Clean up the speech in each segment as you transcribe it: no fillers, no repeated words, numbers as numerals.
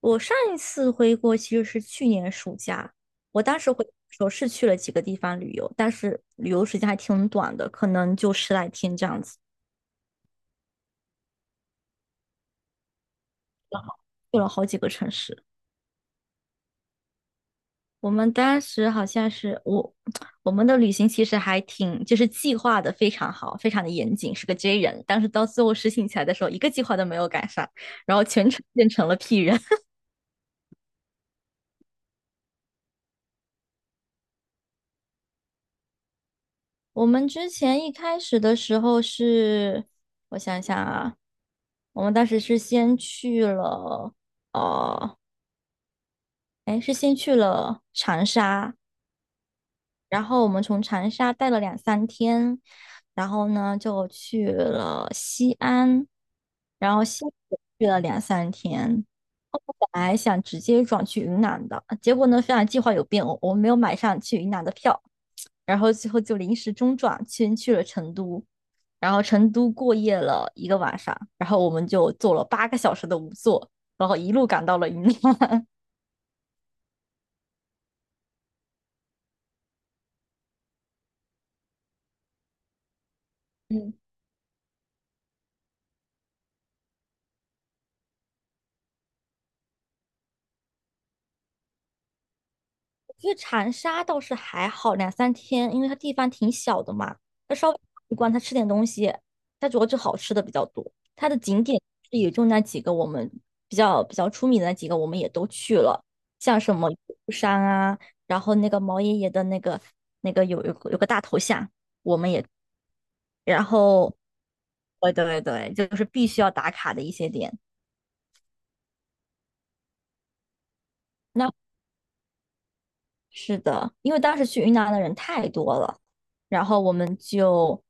我上一次回国其实是去年暑假，我当时回国的时候是去了几个地方旅游，但是旅游时间还挺短的，可能就十来天这样子，去了好几个城市。我们当时好像是我，我们的旅行其实还挺，就是计划的非常好，非常的严谨，是个 J 人。但是到最后实行起来的时候，一个计划都没有赶上，然后全程变成了 P 人。我们之前一开始的时候是，我想想啊，我们当时是先去了，呃，哎，是先去了长沙，然后我们从长沙待了两三天，然后呢就去了西安，然后西安也去了两三天。本来想直接转去云南的，结果呢，发现计划有变，我没有买上去云南的票，然后最后就临时中转，先去了成都，然后成都过夜了一个晚上，然后我们就坐了八个小时的午座，然后一路赶到了云南。因为长沙倒是还好，两三天，因为它地方挺小的嘛，它稍微一逛，它吃点东西，它主要就好吃的比较多。它的景点也就那几个，我们比较出名的那几个，我们也都去了，像什么玉山啊，然后那个毛爷爷的那个那个有个大头像，我们也，然后，对对对，就是必须要打卡的一些点。那是的，因为当时去云南的人太多了，然后我们就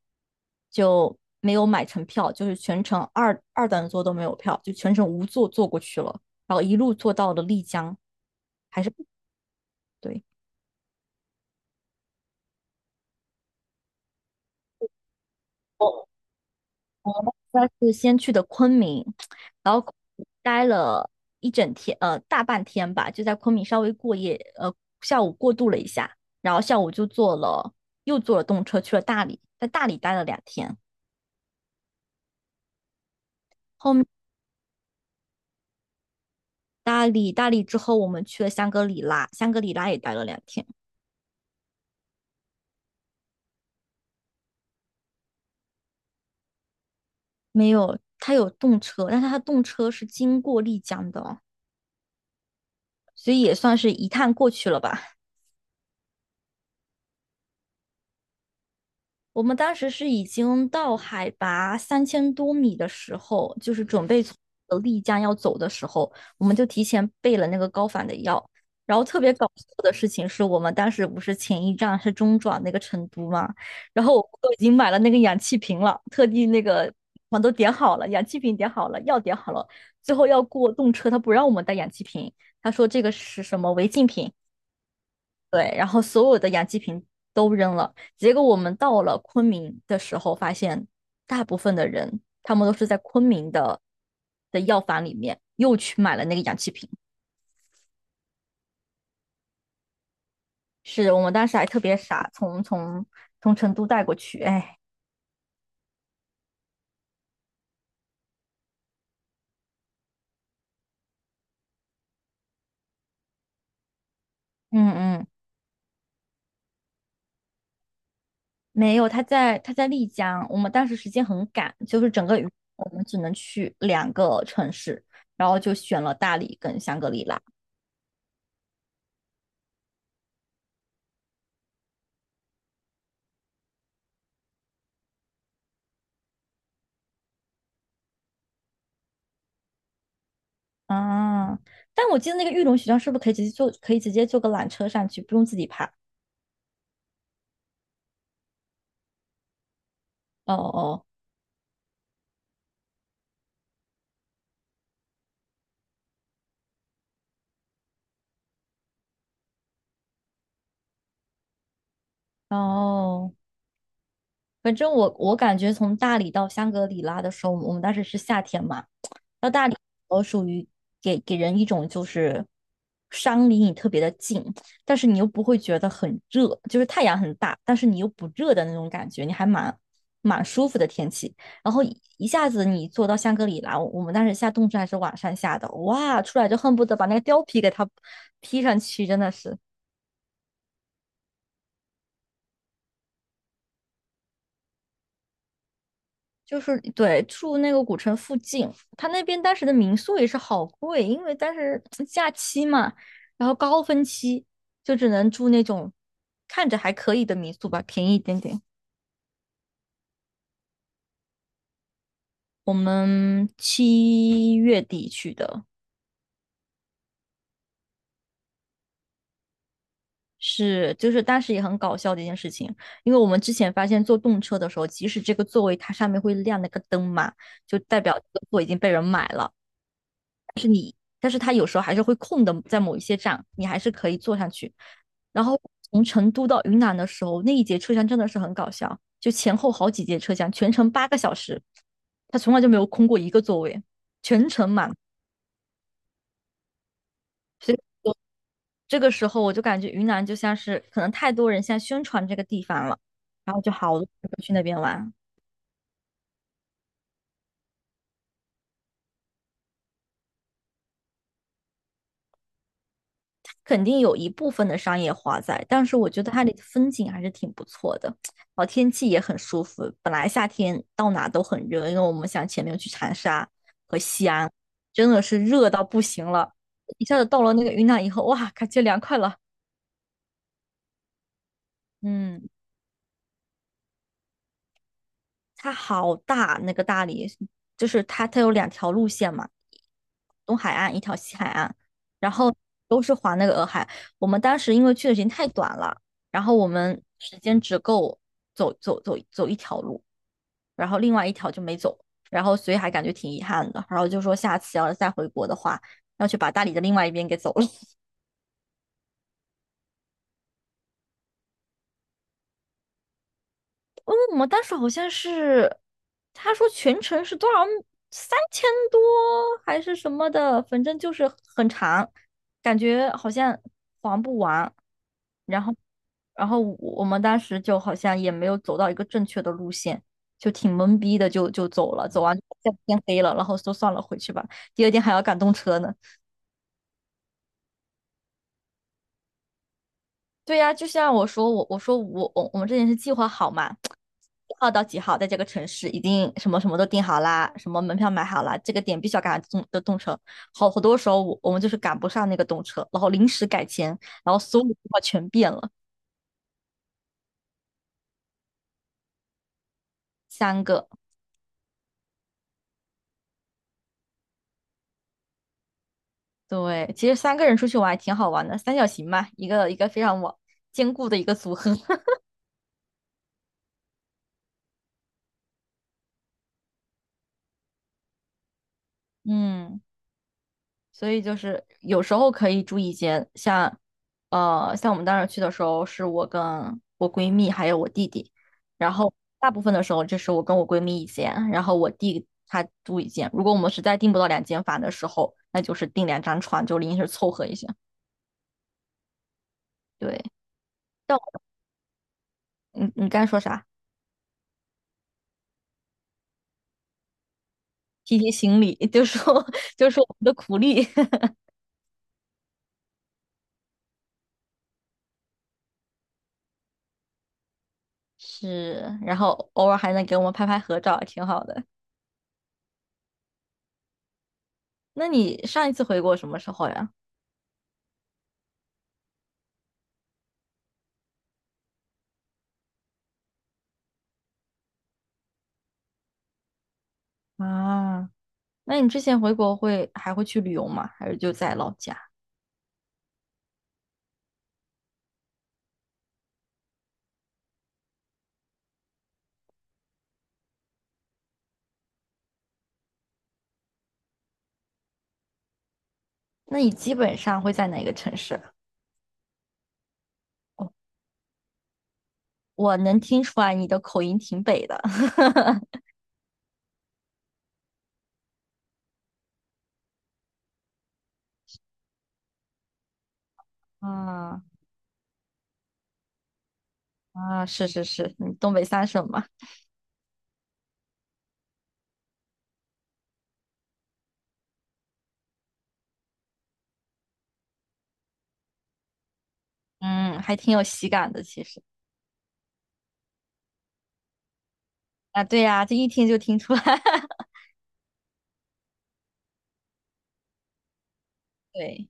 就没有买成票，就是全程二等座都没有票，就全程无座坐过去了，然后一路坐到了丽江，还是对，但是先去的昆明，然后待了一整天，大半天吧，就在昆明稍微过夜，下午过渡了一下，然后下午就坐了又坐了动车去了大理，在大理待了两天。大理，大理之后我们去了香格里拉，香格里拉也待了两天。没有，它有动车，但是它动车是经过丽江的哦，所以也算是一趟过去了吧。我们当时是已经到海拔3000多米的时候，就是准备从丽江要走的时候，我们就提前备了那个高反的药。然后特别搞笑的事情是我们当时不是前一站是中转那个成都嘛，然后我们都已经买了那个氧气瓶了，特地那个我都点好了，氧气瓶点好了，药点好了，最后要过动车，他不让我们带氧气瓶，他说这个是什么违禁品，对，然后所有的氧气瓶都扔了。结果我们到了昆明的时候，发现大部分的人他们都是在昆明的的药房里面又去买了那个氧气瓶。是我们当时还特别傻，从成都带过去。哎，嗯嗯，没有，他在丽江。我们当时时间很赶，就是整个雨我们只能去两个城市，然后就选了大理跟香格里拉。啊，但我记得那个玉龙雪山是不是可以直接坐，可以直接坐个缆车上去，不用自己爬？哦哦哦，反正我感觉从大理到香格里拉的时候，我们当时是夏天嘛，到大理我属于给人一种就是山离你特别的近，但是你又不会觉得很热，就是太阳很大，但是你又不热的那种感觉，你还蛮舒服的天气。然后一下子你坐到香格里拉，我们当时下冻车还是晚上下的，哇，出来就恨不得把那个貂皮给它披上去，真的是。就是对住那个古城附近，他那边当时的民宿也是好贵，因为当时嗯假期嘛，然后高峰期就只能住那种看着还可以的民宿吧，便宜一点点。我们七月底去的是，就是当时也很搞笑的一件事情，因为我们之前发现坐动车的时候，即使这个座位它上面会亮那个灯嘛，就代表这个座已经被人买了。但是它有时候还是会空的，在某一些站你还是可以坐上去。然后从成都到云南的时候，那一节车厢真的是很搞笑，就前后好几节车厢，全程八个小时，他从来就没有空过一个座位，全程满。所以这个时候我就感觉云南就像是可能太多人现在宣传这个地方了，然后就好多人去那边玩。肯定有一部分的商业化在，但是我觉得它的风景还是挺不错的，然后天气也很舒服。本来夏天到哪都很热，因为我们想前面去长沙和西安，真的是热到不行了，一下子到了那个云南以后，哇，感觉凉快了。嗯。它好大，那个大理就是它，它有两条路线嘛，东海岸一条西海岸，然后都是环那个洱海。我们当时因为去的时间太短了，然后我们时间只够走一条路，然后另外一条就没走，然后所以还感觉挺遗憾的。然后就说下次要是再回国的话，要去把大理的另外一边给走了。嗯，我们当时好像是，他说全程是多少，三千多还是什么的，反正就是很长，感觉好像还不完。然后，然后我们当时就好像也没有走到一个正确的路线，就挺懵逼的就，就走了。走完就天黑了，然后说算了，回去吧。第二天还要赶动车呢。对呀，就像我说，我说我我们之前是计划好嘛，几号到几号在这个城市，已经什么什么都订好啦，什么门票买好啦，这个点必须要赶上动的动车。好多时候我们就是赶不上那个动车，然后临时改签，然后所有的计划全变了。三个，对，其实三个人出去玩还挺好玩的，三角形嘛，一个非常稳坚固的一个组合。嗯。所以就是有时候可以住一间，像，像我们当时去的时候，是我跟我闺蜜还有我弟弟，然后大部分的时候就是我跟我闺蜜一间，然后我弟他住一间。如果我们实在订不到两间房的时候，那就是订两张床，就临时凑合一下。对，但我你你刚才说啥？提行李，就说 就说我们的苦力。 是，然后偶尔还能给我们拍拍合照，挺好的。那你上一次回国什么时候呀？啊。那你之前回国会还会去旅游吗？还是就在老家？那你基本上会在哪个城市？我能听出来你的口音挺北的。啊啊，是是是，你东北三省嘛，嗯，还挺有喜感的其实。啊，对呀，这一听就听出来。对，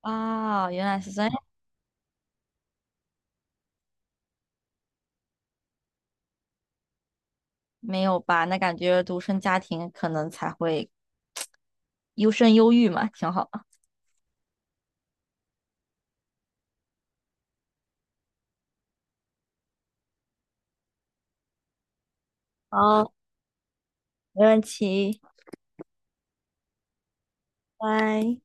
啊，原来是这样，没有吧？那感觉独生家庭可能才会优生优育嘛，挺好的。好，没问题，拜。